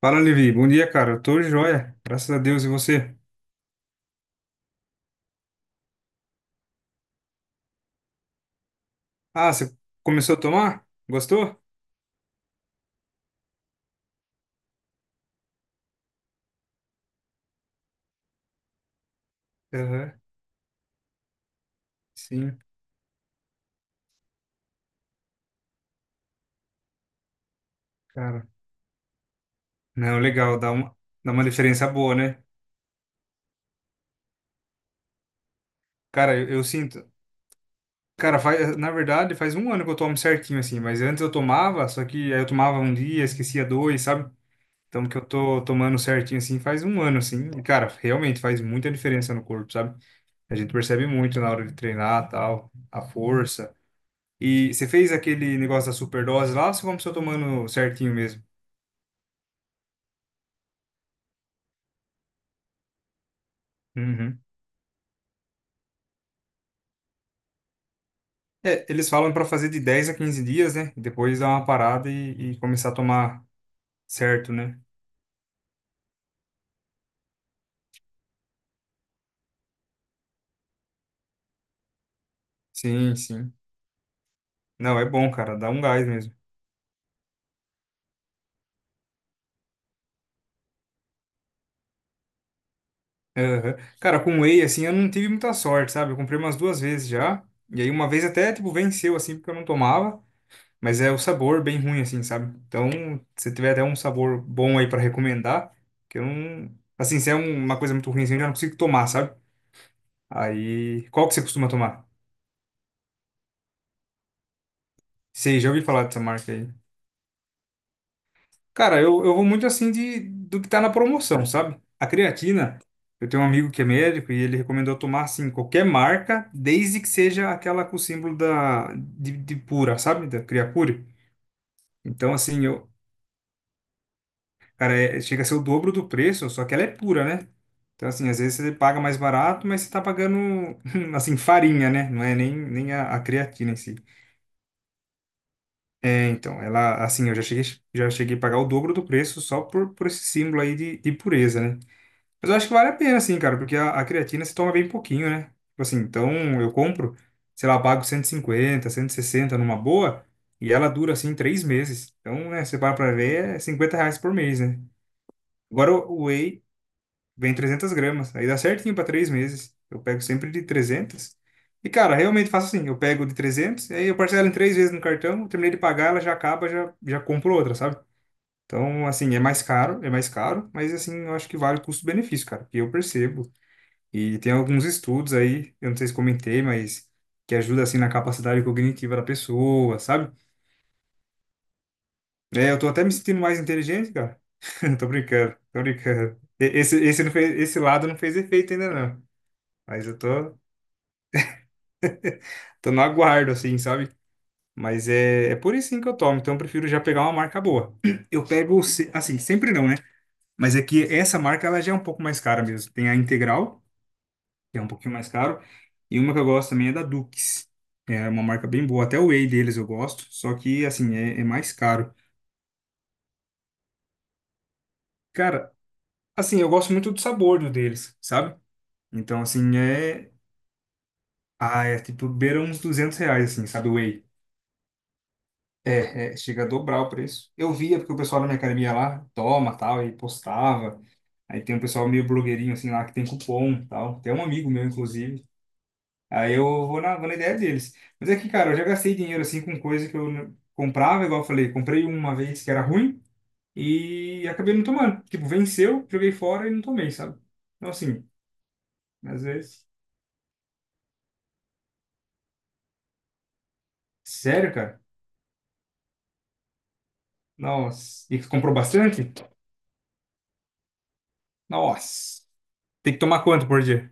Fala, Levi. Bom dia, cara. Eu tô joia. Graças a Deus. E você? Ah, você começou a tomar? Gostou? Aham. Sim, cara. Não, legal. Dá uma diferença boa, né? Cara, eu sinto. Cara, faz, na verdade, faz um ano que eu tomo certinho, assim. Mas antes eu tomava, só que aí eu tomava um dia, esquecia dois, sabe? Então, que eu tô tomando certinho, assim, faz um ano, assim. E, cara, realmente faz muita diferença no corpo, sabe? A gente percebe muito na hora de treinar, tal, a força. E você fez aquele negócio da superdose lá ou você começou tomando certinho mesmo? Uhum. É, eles falam pra fazer de 10 a 15 dias, né? Depois dar uma parada e começar a tomar certo, né? Sim, sim. Não, é bom, cara, dá um gás mesmo. Aham. Cara, com whey, assim, eu não tive muita sorte, sabe? Eu comprei umas duas vezes já. E aí uma vez até, tipo, venceu, assim, porque eu não tomava. Mas é o sabor bem ruim, assim, sabe? Então, se tiver até um sabor bom aí pra recomendar, que eu não. Assim, se é uma coisa muito ruim, assim, eu já não consigo tomar, sabe? Aí, qual que você costuma tomar? Sei, já ouvi falar dessa marca aí. Cara, eu vou muito assim de do que tá na promoção, sabe? A creatina, eu tenho um amigo que é médico e ele recomendou tomar assim qualquer marca, desde que seja aquela com o símbolo da de pura, sabe? Da Creapure. Então assim, eu, cara, chega a ser o dobro do preço, só que ela é pura, né? Então assim, às vezes você paga mais barato, mas você tá pagando assim farinha, né? Não é nem a creatina em si. É, então, ela, assim, eu já cheguei a pagar o dobro do preço só por esse símbolo aí de pureza, né? Mas eu acho que vale a pena, assim, cara, porque a creatina se toma bem pouquinho, né? Tipo assim, então eu compro, sei lá, pago 150, 160 numa boa, e ela dura, assim, 3 meses. Então, né, você para pra ver, é R$ 50 por mês, né? Agora, o whey, vem 300 gramas. Aí dá certinho para 3 meses. Eu pego sempre de 300. E, cara, realmente faço assim. Eu pego de 300, aí eu parcelo em três vezes no cartão. Terminei de pagar, ela já acaba, já compro outra, sabe? Então, assim, é mais caro, mas, assim, eu acho que vale o custo-benefício, cara, que eu percebo. E tem alguns estudos aí, eu não sei se comentei, mas que ajuda, assim, na capacidade cognitiva da pessoa, sabe? É, eu tô até me sentindo mais inteligente, cara. Tô brincando, tô brincando. Esse lado não fez efeito ainda, não. Mas eu tô no aguardo, assim, sabe? Mas é por isso sim que eu tomo, então eu prefiro já pegar uma marca boa. Eu pego, assim, sempre não, né? Mas é que essa marca, ela já é um pouco mais cara mesmo. Tem a Integral, que é um pouquinho mais caro, e uma que eu gosto também é da Dukes. É uma marca bem boa, até o whey deles eu gosto, só que, assim, é mais caro. Cara, assim, eu gosto muito do sabor do deles, sabe? Então, assim, é... Ah, é tipo, beira uns R$ 200, assim, sabe? O whey. É, chega a dobrar o preço. Eu via porque o pessoal da minha academia lá toma, tal, e postava. Aí tem um pessoal meio blogueirinho, assim, lá que tem cupom, tal. Tem um amigo meu, inclusive. Aí eu vou na ideia deles. Mas é que, cara, eu já gastei dinheiro, assim, com coisa que eu comprava, igual eu falei. Comprei uma vez que era ruim e acabei não tomando. Tipo, venceu, joguei fora e não tomei, sabe? Então, assim, às vezes... Sério, cara? Nossa. E comprou bastante? Nossa. Tem que tomar quanto por dia?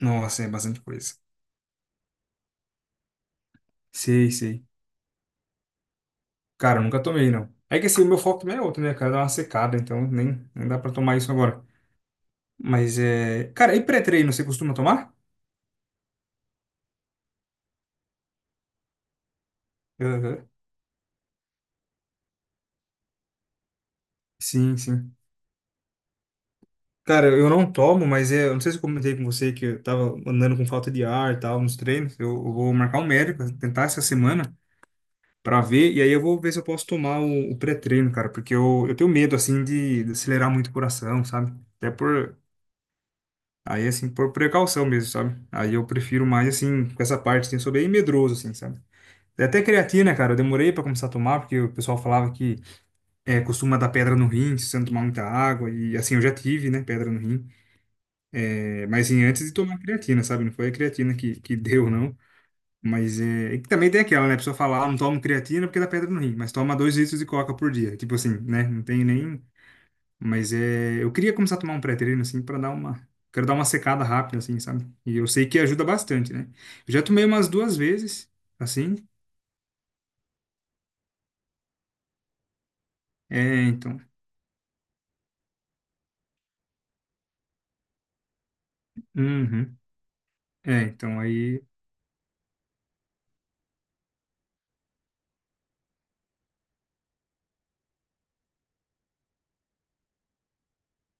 Nossa, é bastante coisa. Sei, sei. Cara, eu nunca tomei, não. É que assim, o meu foco também é outro, né, cara? Dá uma secada, então nem dá pra tomar isso agora. Mas é. Cara, e pré-treino, você costuma tomar? Aham. Sim, sim. Cara, eu não tomo, mas é. Eu não sei se eu comentei com você que eu tava andando com falta de ar e tal nos treinos. Eu vou marcar um médico, tentar essa semana pra ver, e aí eu vou ver se eu posso tomar o pré-treino, cara, porque eu tenho medo, assim, de acelerar muito o coração, sabe? Até por. Aí, assim, por precaução mesmo, sabe? Aí eu prefiro mais, assim, com essa parte, assim, eu sou bem medroso, assim, sabe? É. Até creatina, cara, eu demorei pra começar a tomar, porque o pessoal falava que costuma dar pedra no rim se você não tomar muita água, e assim, eu já tive, né, pedra no rim. É, mas assim, antes de tomar creatina, sabe? Não foi a creatina que deu, não. Mas é, e que também tem aquela, né, a pessoa fala, ah, não tomo creatina porque dá pedra no rim, mas toma 2 litros de coca por dia, tipo assim, né, não tem nem... Mas é, eu queria começar a tomar um pré-treino, assim, pra dar uma... Quero dar uma secada rápida, assim, sabe? E eu sei que ajuda bastante, né? Eu já tomei umas duas vezes, assim, é, então... Uhum. É, então aí,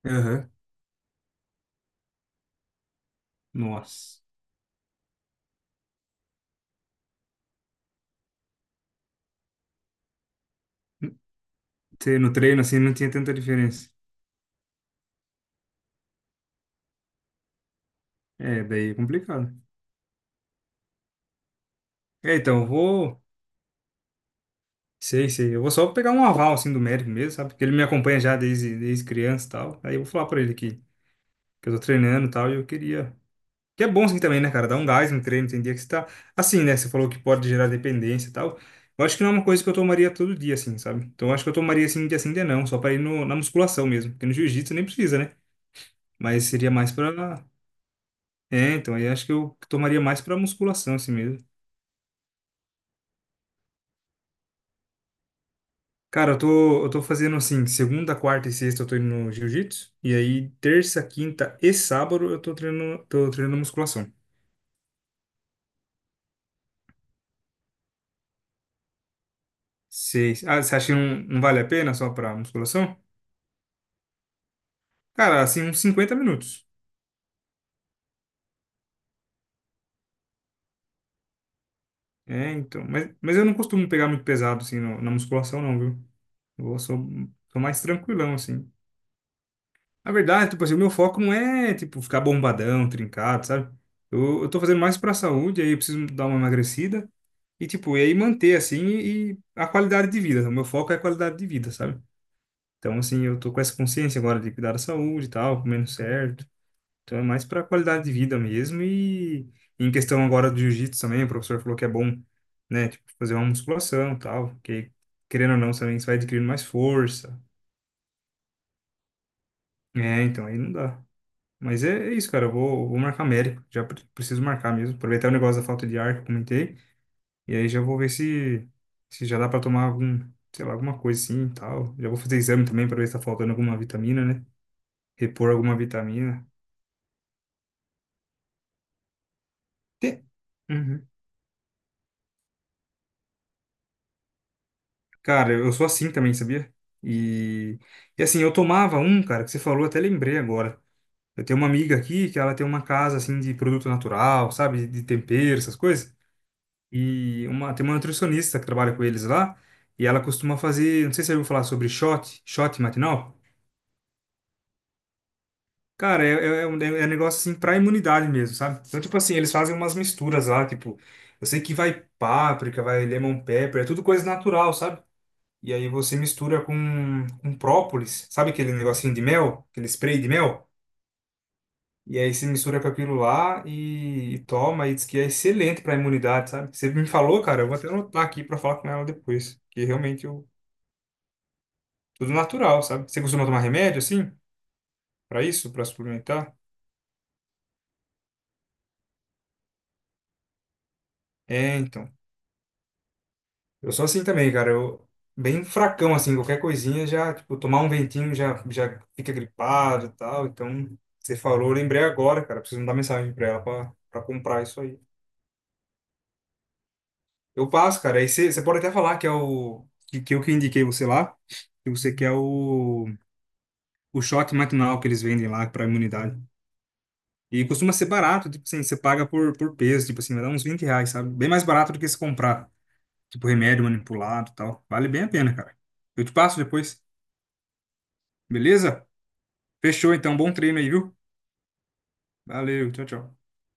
aham. Nossa. Ter no treino assim não tinha tanta diferença. É, daí é complicado. É, então sei, sei, eu vou só pegar um aval assim do médico mesmo, sabe? Porque ele me acompanha já desde criança e tal. Aí eu vou falar pra ele que eu tô treinando e tal e eu queria. Que é bom assim também, né, cara? Dar um gás no treino, tem dia que você tá. Assim, né? Você falou que pode gerar dependência e tal. Eu acho que não é uma coisa que eu tomaria todo dia, assim, sabe? Então eu acho que eu tomaria assim, um dia sim, um dia não, só pra ir no, na musculação mesmo. Porque no jiu-jitsu nem precisa, né? Mas seria mais pra. É, então, aí acho que eu tomaria mais pra musculação assim mesmo. Cara, eu tô fazendo assim, segunda, quarta e sexta eu tô indo no jiu-jitsu, e aí terça, quinta e sábado eu tô treinando, musculação. Seis. Ah, você acha que não, não vale a pena só pra musculação? Cara, assim, uns 50 minutos. É, então, mas eu não costumo pegar muito pesado assim na musculação não, viu? Eu sou mais tranquilão assim. Na verdade, tipo assim, o meu foco não é, tipo, ficar bombadão, trincado, sabe? Eu tô fazendo mais pra saúde, aí eu preciso dar uma emagrecida e, tipo, e aí manter, assim, e a qualidade de vida. O meu foco é a qualidade de vida, sabe? Então, assim, eu tô com essa consciência agora de cuidar da saúde e tal, comendo certo. Então, é mais pra qualidade de vida mesmo e em questão agora do jiu-jitsu também, o professor falou que é bom, né, tipo, fazer uma musculação e tal, que querendo ou não, também você vai adquirindo mais força. É, então, aí não dá. Mas é isso, cara. Eu vou marcar médico. Já preciso marcar mesmo. Aproveitar o negócio da falta de ar que eu comentei. E aí já vou ver se já dá pra tomar algum, sei lá, alguma coisa assim e tal. Já vou fazer exame também pra ver se tá faltando alguma vitamina, né? Repor alguma vitamina. Te- Uhum. Cara, eu sou assim também, sabia? E, e assim, eu tomava um, cara, que você falou, até lembrei agora. Eu tenho uma amiga aqui que ela tem uma casa assim de produto natural, sabe? De tempero, essas coisas. Tem uma nutricionista que trabalha com eles lá, e ela costuma fazer, não sei se você ouviu falar sobre shot matinal. Cara, é um negócio assim pra imunidade mesmo, sabe? Então, tipo assim, eles fazem umas misturas lá, tipo, eu sei que vai páprica, vai lemon pepper, é tudo coisa natural, sabe? E aí você mistura com própolis, sabe aquele negocinho de mel, aquele spray de mel? E aí você mistura com aquilo lá e toma, e diz que é excelente pra imunidade, sabe? Você me falou, cara, eu vou até anotar aqui pra falar com ela depois, que realmente eu. Tudo natural, sabe? Você costuma tomar remédio assim? Pra isso? Pra suplementar? É, então. Eu sou assim também, cara. Eu bem fracão assim, qualquer coisinha já, tipo, tomar um ventinho já fica gripado e tal. Então, você falou, eu lembrei agora, cara. Preciso mandar mensagem pra ela pra comprar isso aí. Eu passo, cara. Aí você pode até falar que é o que eu que indiquei você lá, que você quer o shot matinal que eles vendem lá pra imunidade. E costuma ser barato, tipo assim, você paga por peso, tipo assim, vai dar uns R$ 20, sabe? Bem mais barato do que se comprar. Tipo, remédio manipulado e tal. Vale bem a pena, cara. Eu te passo depois, beleza? Fechou, então. Bom treino aí, viu? Valeu, tchau, tchau.